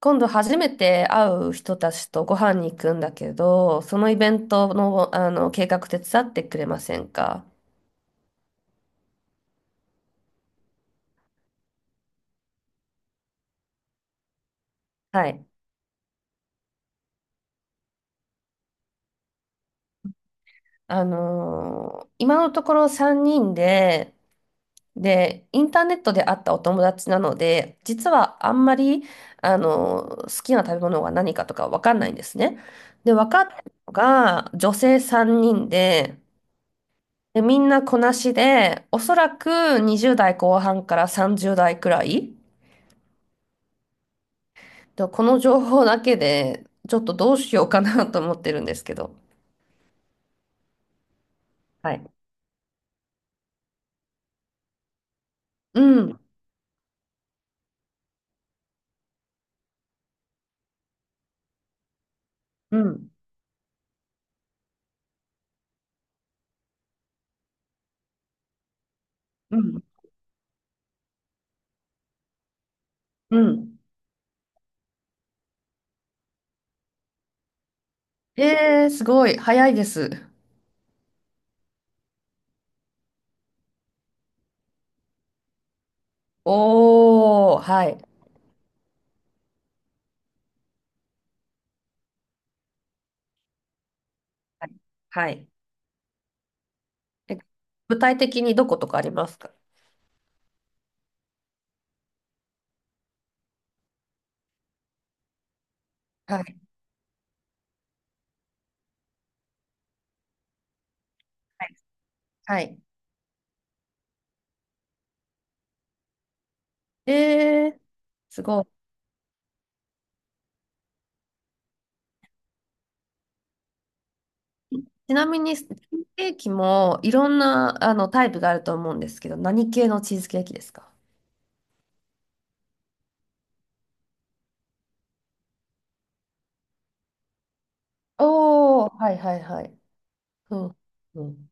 今度初めて会う人たちとご飯に行くんだけど、そのイベントの、あの計画手伝ってくれませんか？はい。今のところ3人で、で、インターネットで会ったお友達なので、実はあんまり、好きな食べ物が何かとかわかんないんですね。で、分かったのが女性3人で、みんなこなしで、おそらく20代後半から30代くらい。ではこの情報だけで、ちょっとどうしようかな と思ってるんですけど。はい。うん。うん。うん。うん。えー、すごい。早いです。おー、はい。はい。はい。え具体的にどことかありますか？はい。はい。はい。えー、すごい。ちなみに、チーズケーキもいろんなあのタイプがあると思うんですけど、何系のチーズケーキですか？おー、はいはいはい。うん。うん。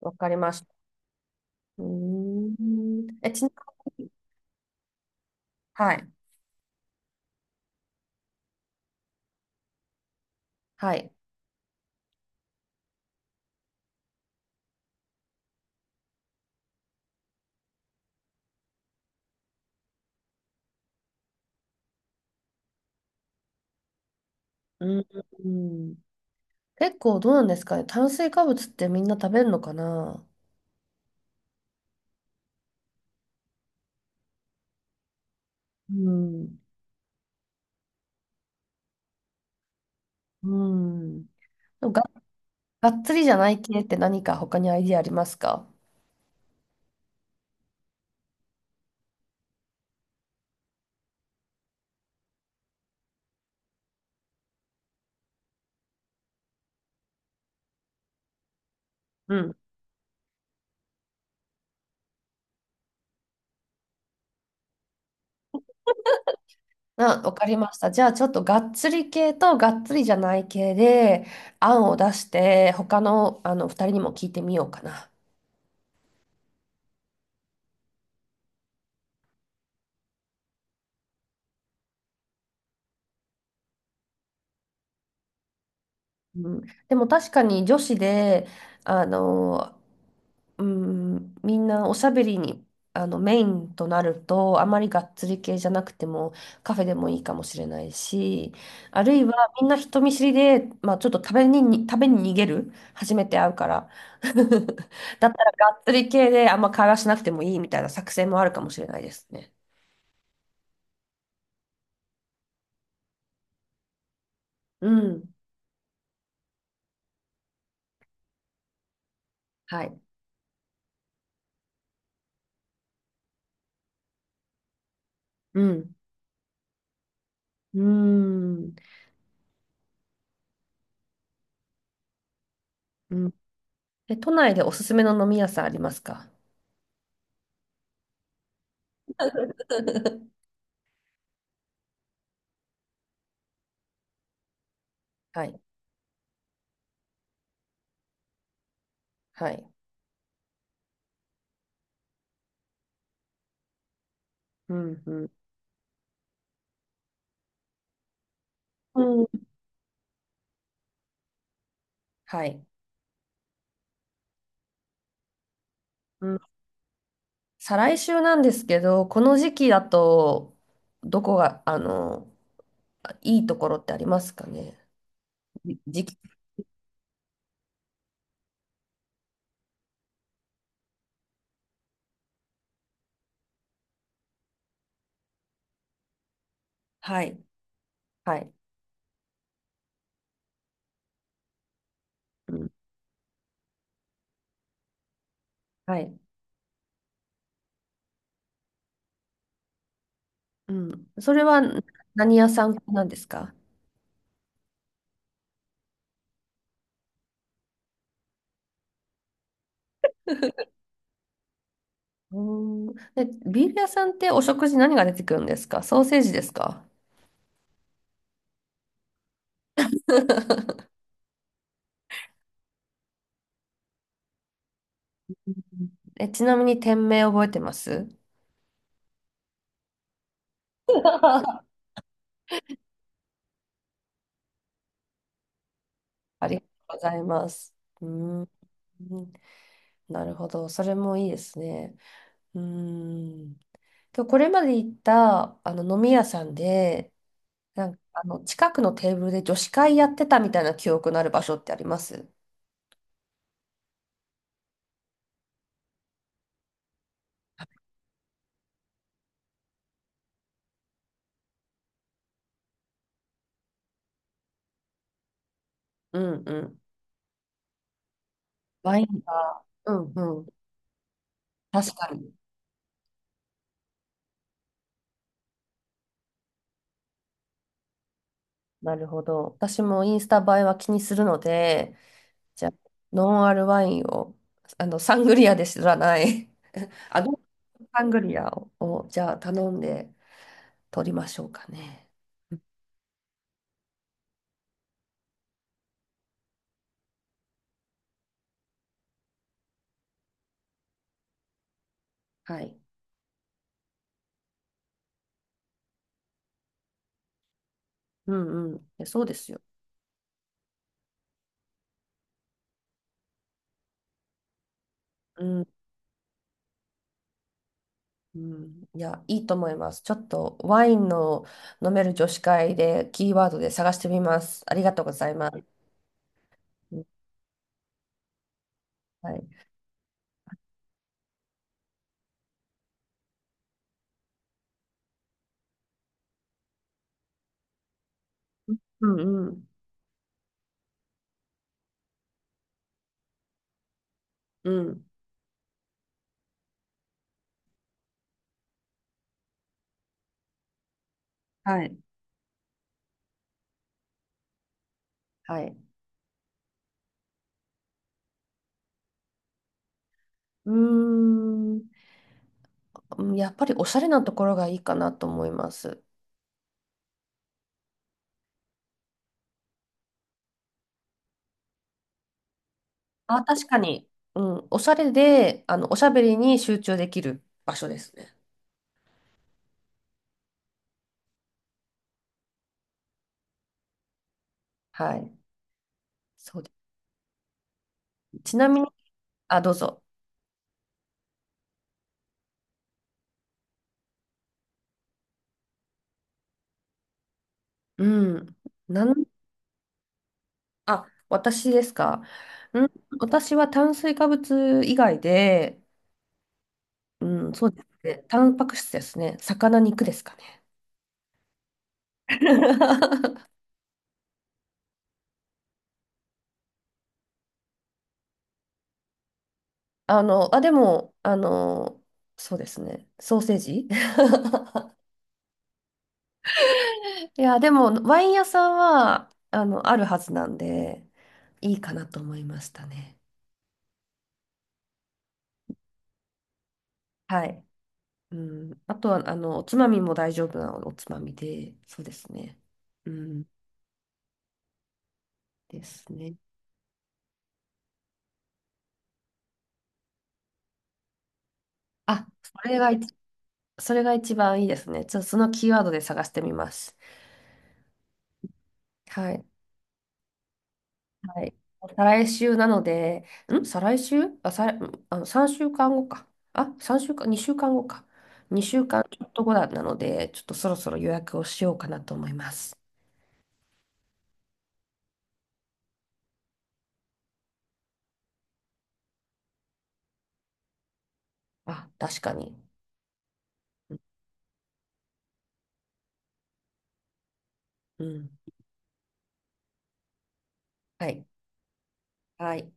わかりました。うーん。ちなみに、はい。はい。うーん。結構どうなんですかね。炭水化物ってみんな食べるのかな？うん。うん。でも、がっつりじゃない系って何か他にアイディアありますか？うん。あ、わかりました。じゃあちょっとがっつり系とがっつりじゃない系で案を出して他の、あの2人にも聞いてみようかな。うん、でも確かに女子で、あの、うん、みんなおしゃべりに、メインとなると、あまりがっつり系じゃなくても、カフェでもいいかもしれないし、あるいはみんな人見知りで、まあ、ちょっと食べに逃げる、初めて会うから。だったらがっつり系であんま会話しなくてもいいみたいな作戦もあるかもしれないですね。うん。はい。うん。うーん。うん。都内でおすすめの飲み屋さんありますか？ はい。はい。うん、うん、うん。はい。うん。再来週なんですけど、この時期だと、どこが、いいところってありますかね。時期。はい。はい。うん、はい。うん。それは何屋さんなんですか？うーん。で、ビール屋さんってお食事何が出てくるんですか？ソーセージですか？ ちなみに店名覚えてます？ ありがとうございます。うーん。なるほど。それもいいですね。うーん。今日これまで行ったあの飲み屋さんで、なんかあの近くのテーブルで女子会やってたみたいな記憶のある場所ってあります？うんうん。ワインが、うんうん。確かに。なるほど。私もインスタ映えは気にするので、じゃあ、ノンアルワインを、サングリアで知らない、あの、サングリアを、じゃあ頼んで取りましょうかね。はい。うんうん。そうですよ。うん、うん。いや、いいと思います。ちょっとワインの飲める女子会でキーワードで探してみます。ありがとうございます。はい。うんうん。うん。はい。はい。うーん。うん。やっぱりおしゃれなところがいいかなと思います。あ、確かに。うん。おしゃれで、おしゃべりに集中できる場所ですね。はい。そうです。ちなみに、あ、どうぞ。うん。なんあ、私ですか。うん、私は炭水化物以外で、うん、そうですね。タンパク質ですね。魚肉ですかね。あ、でも、そうですね。ソーセージ いや、でも、ワイン屋さんは、あるはずなんで、いいかなと思いましたね。はい。うん、あとは、おつまみも大丈夫なおつまみで、そうですね。うん、ですね。あ、それが一番いいですね。ちょっとそのキーワードで探してみます。はい。はい。再来週なので、再来週あ、再、んあの、3週間後かんごか。あ、3週間、2週間後かんごか。2週間ちょっと後だなので、ちょっとそろそろ予約をしようかなと思います。あ、確かに。うん。はい。はい。